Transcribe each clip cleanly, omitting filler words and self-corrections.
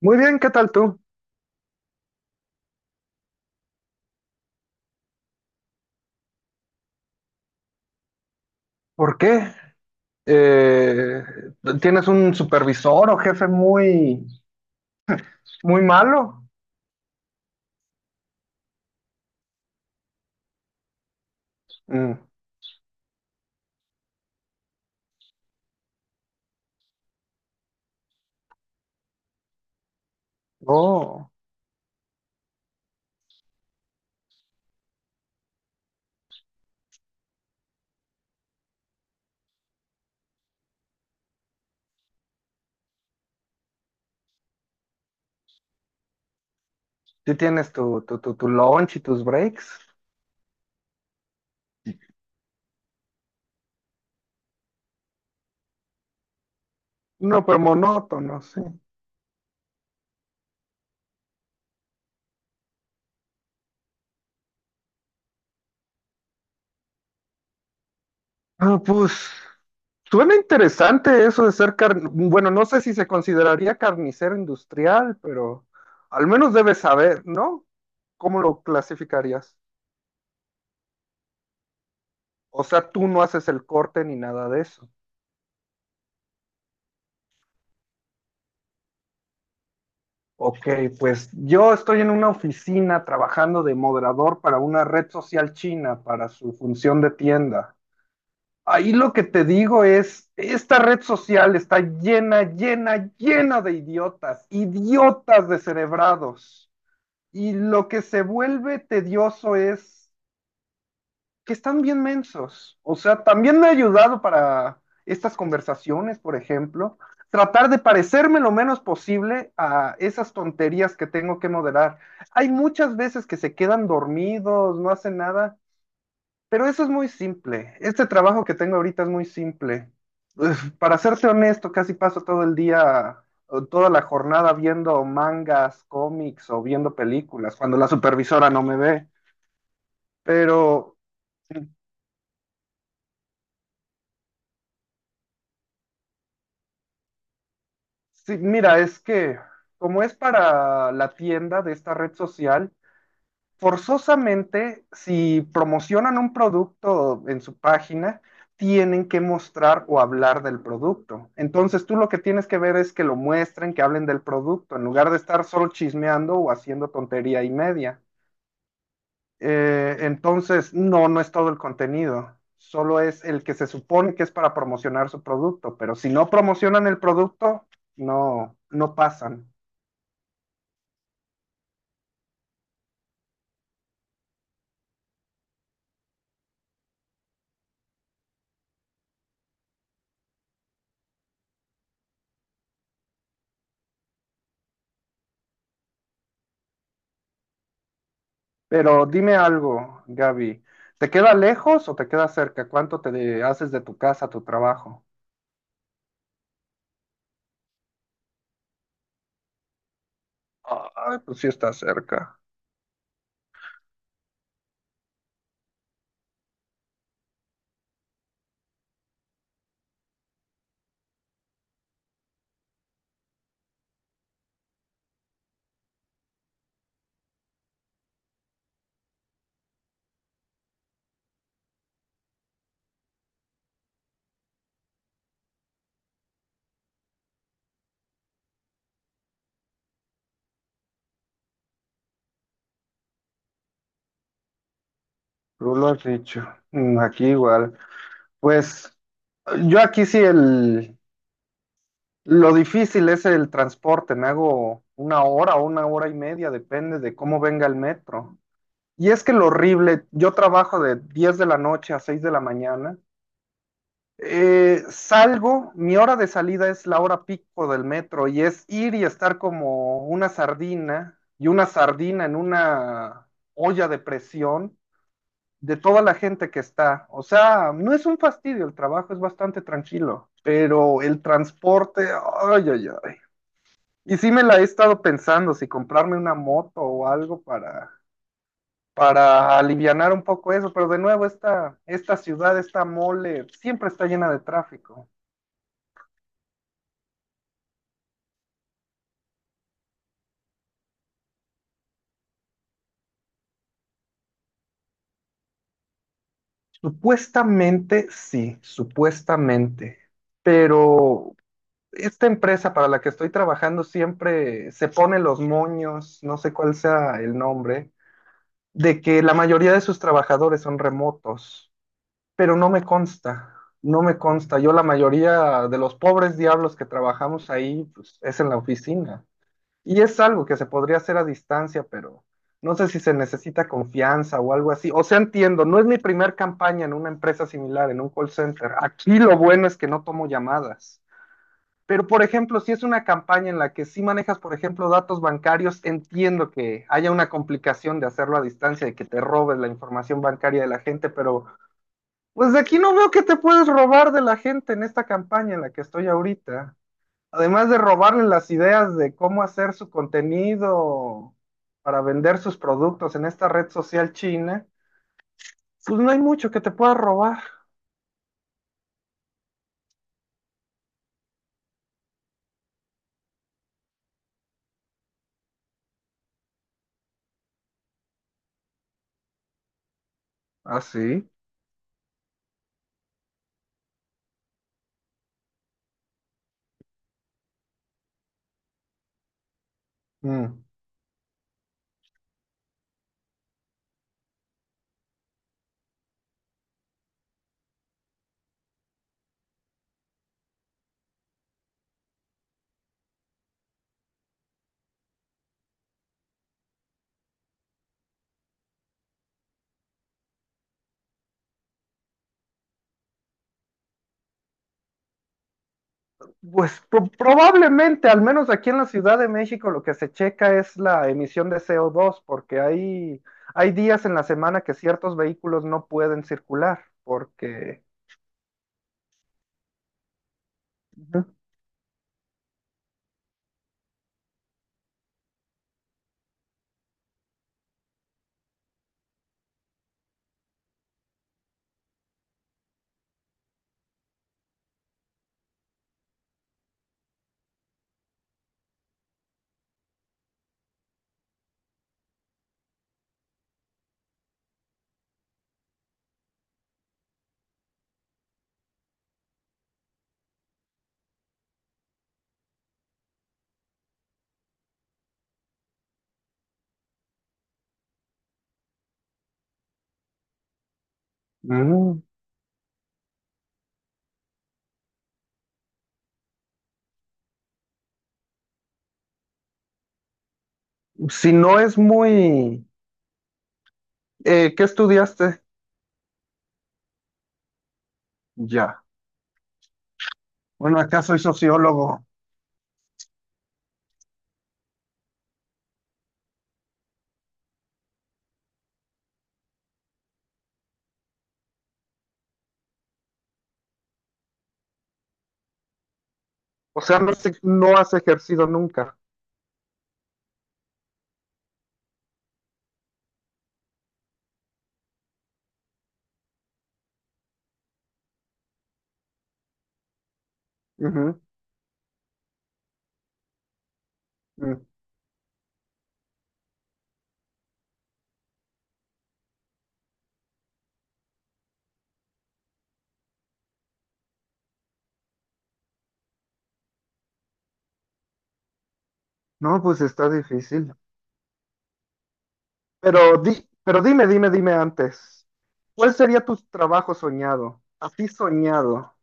Muy bien, ¿qué tal tú? ¿Por qué? Eh, ¿Tienes un supervisor o jefe muy malo? Mm, oh, sí tienes tu lunch y tus breaks. No, pero monótono, sí. Ah, pues suena interesante eso de ser car... Bueno, no sé si se consideraría carnicero industrial, pero al menos debes saber, ¿no? ¿Cómo lo clasificarías? O sea, tú no haces el corte ni nada de eso. Ok, pues yo estoy en una oficina trabajando de moderador para una red social china para su función de tienda. Ahí lo que te digo es, esta red social está llena, llena, llena de idiotas, idiotas descerebrados. Y lo que se vuelve tedioso es que están bien mensos. O sea, también me ha ayudado para estas conversaciones, por ejemplo, tratar de parecerme lo menos posible a esas tonterías que tengo que moderar. Hay muchas veces que se quedan dormidos, no hacen nada, pero eso es muy simple. Este trabajo que tengo ahorita es muy simple. Uf, para serte honesto, casi paso todo el día, o toda la jornada viendo mangas, cómics o viendo películas, cuando la supervisora no me ve. Pero sí, mira, es que como es para la tienda de esta red social, forzosamente si promocionan un producto en su página, tienen que mostrar o hablar del producto. Entonces tú lo que tienes que ver es que lo muestren, que hablen del producto, en lugar de estar solo chismeando o haciendo tontería y media. Entonces, no, no es todo el contenido. Solo es el que se supone que es para promocionar su producto, pero si no promocionan el producto, no, no pasan. Pero dime algo, Gaby, ¿te queda lejos o te queda cerca? ¿Cuánto te de- haces de tu casa a tu trabajo? Ay, pues sí está cerca. Tú lo has dicho. Mm, aquí igual. Pues yo aquí sí el lo difícil es el transporte. Me hago una hora o una hora y media, depende de cómo venga el metro. Y es que lo horrible, yo trabajo de 10 de la noche a 6 de la mañana. Salgo, mi hora de salida es la hora pico del metro y es ir y estar como una sardina y una sardina en una olla de presión de toda la gente que está. O sea, no es un fastidio el trabajo, es bastante tranquilo, pero el transporte, ay, ay, ay. Y sí me la he estado pensando, si comprarme una moto o algo para alivianar un poco eso, pero de nuevo esta ciudad, esta mole, siempre está llena de tráfico. Supuestamente sí, supuestamente, pero esta empresa para la que estoy trabajando siempre se pone los moños, no sé cuál sea el nombre, de que la mayoría de sus trabajadores son remotos, pero no me consta, no me consta. Yo la mayoría de los pobres diablos que trabajamos ahí, pues, es en la oficina. Y es algo que se podría hacer a distancia, pero no sé si se necesita confianza o algo así. O sea, entiendo, no es mi primer campaña en una empresa similar, en un call center. Aquí lo bueno es que no tomo llamadas. Pero, por ejemplo, si es una campaña en la que sí manejas, por ejemplo, datos bancarios, entiendo que haya una complicación de hacerlo a distancia, de que te robes la información bancaria de la gente, pero pues de aquí no veo que te puedes robar de la gente en esta campaña en la que estoy ahorita. Además de robarle las ideas de cómo hacer su contenido para vender sus productos en esta red social china, pues no hay mucho que te pueda robar. ¿Ah, sí? Mm. Pues pro- probablemente, al menos aquí en la Ciudad de México, lo que se checa es la emisión de CO2, porque hay días en la semana que ciertos vehículos no pueden circular, porque... Ujú. Mm, si no es muy... ¿qué estudiaste? Ya. Bueno, acá soy sociólogo. O sea, no, se- no has ejercido nunca. Ujú, mm. No, pues está difícil. Pero, di, pero dime antes. ¿Cuál sería tu trabajo soñado? Así soñado.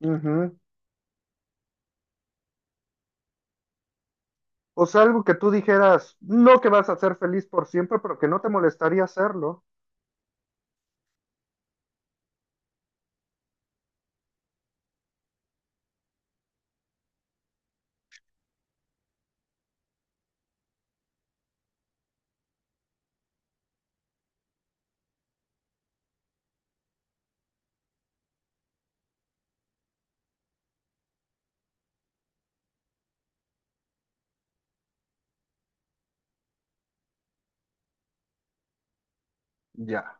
Ujú. O sea, algo que tú dijeras, no que vas a ser feliz por siempre, pero que no te molestaría hacerlo. Ya.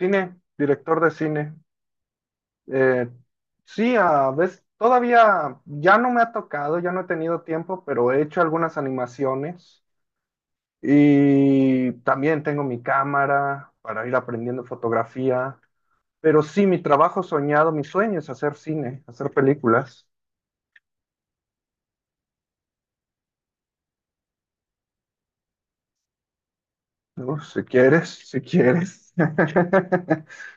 Cine, director de cine. Eh, sí, a veces todavía ya no me ha tocado, ya no he tenido tiempo, pero he hecho algunas animaciones. Y también tengo mi cámara para ir aprendiendo fotografía. Pero sí, mi trabajo soñado, mi sueño es hacer cine, hacer películas. ¿No? Si quieres, si quieres.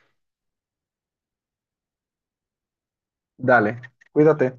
Dale, cuídate.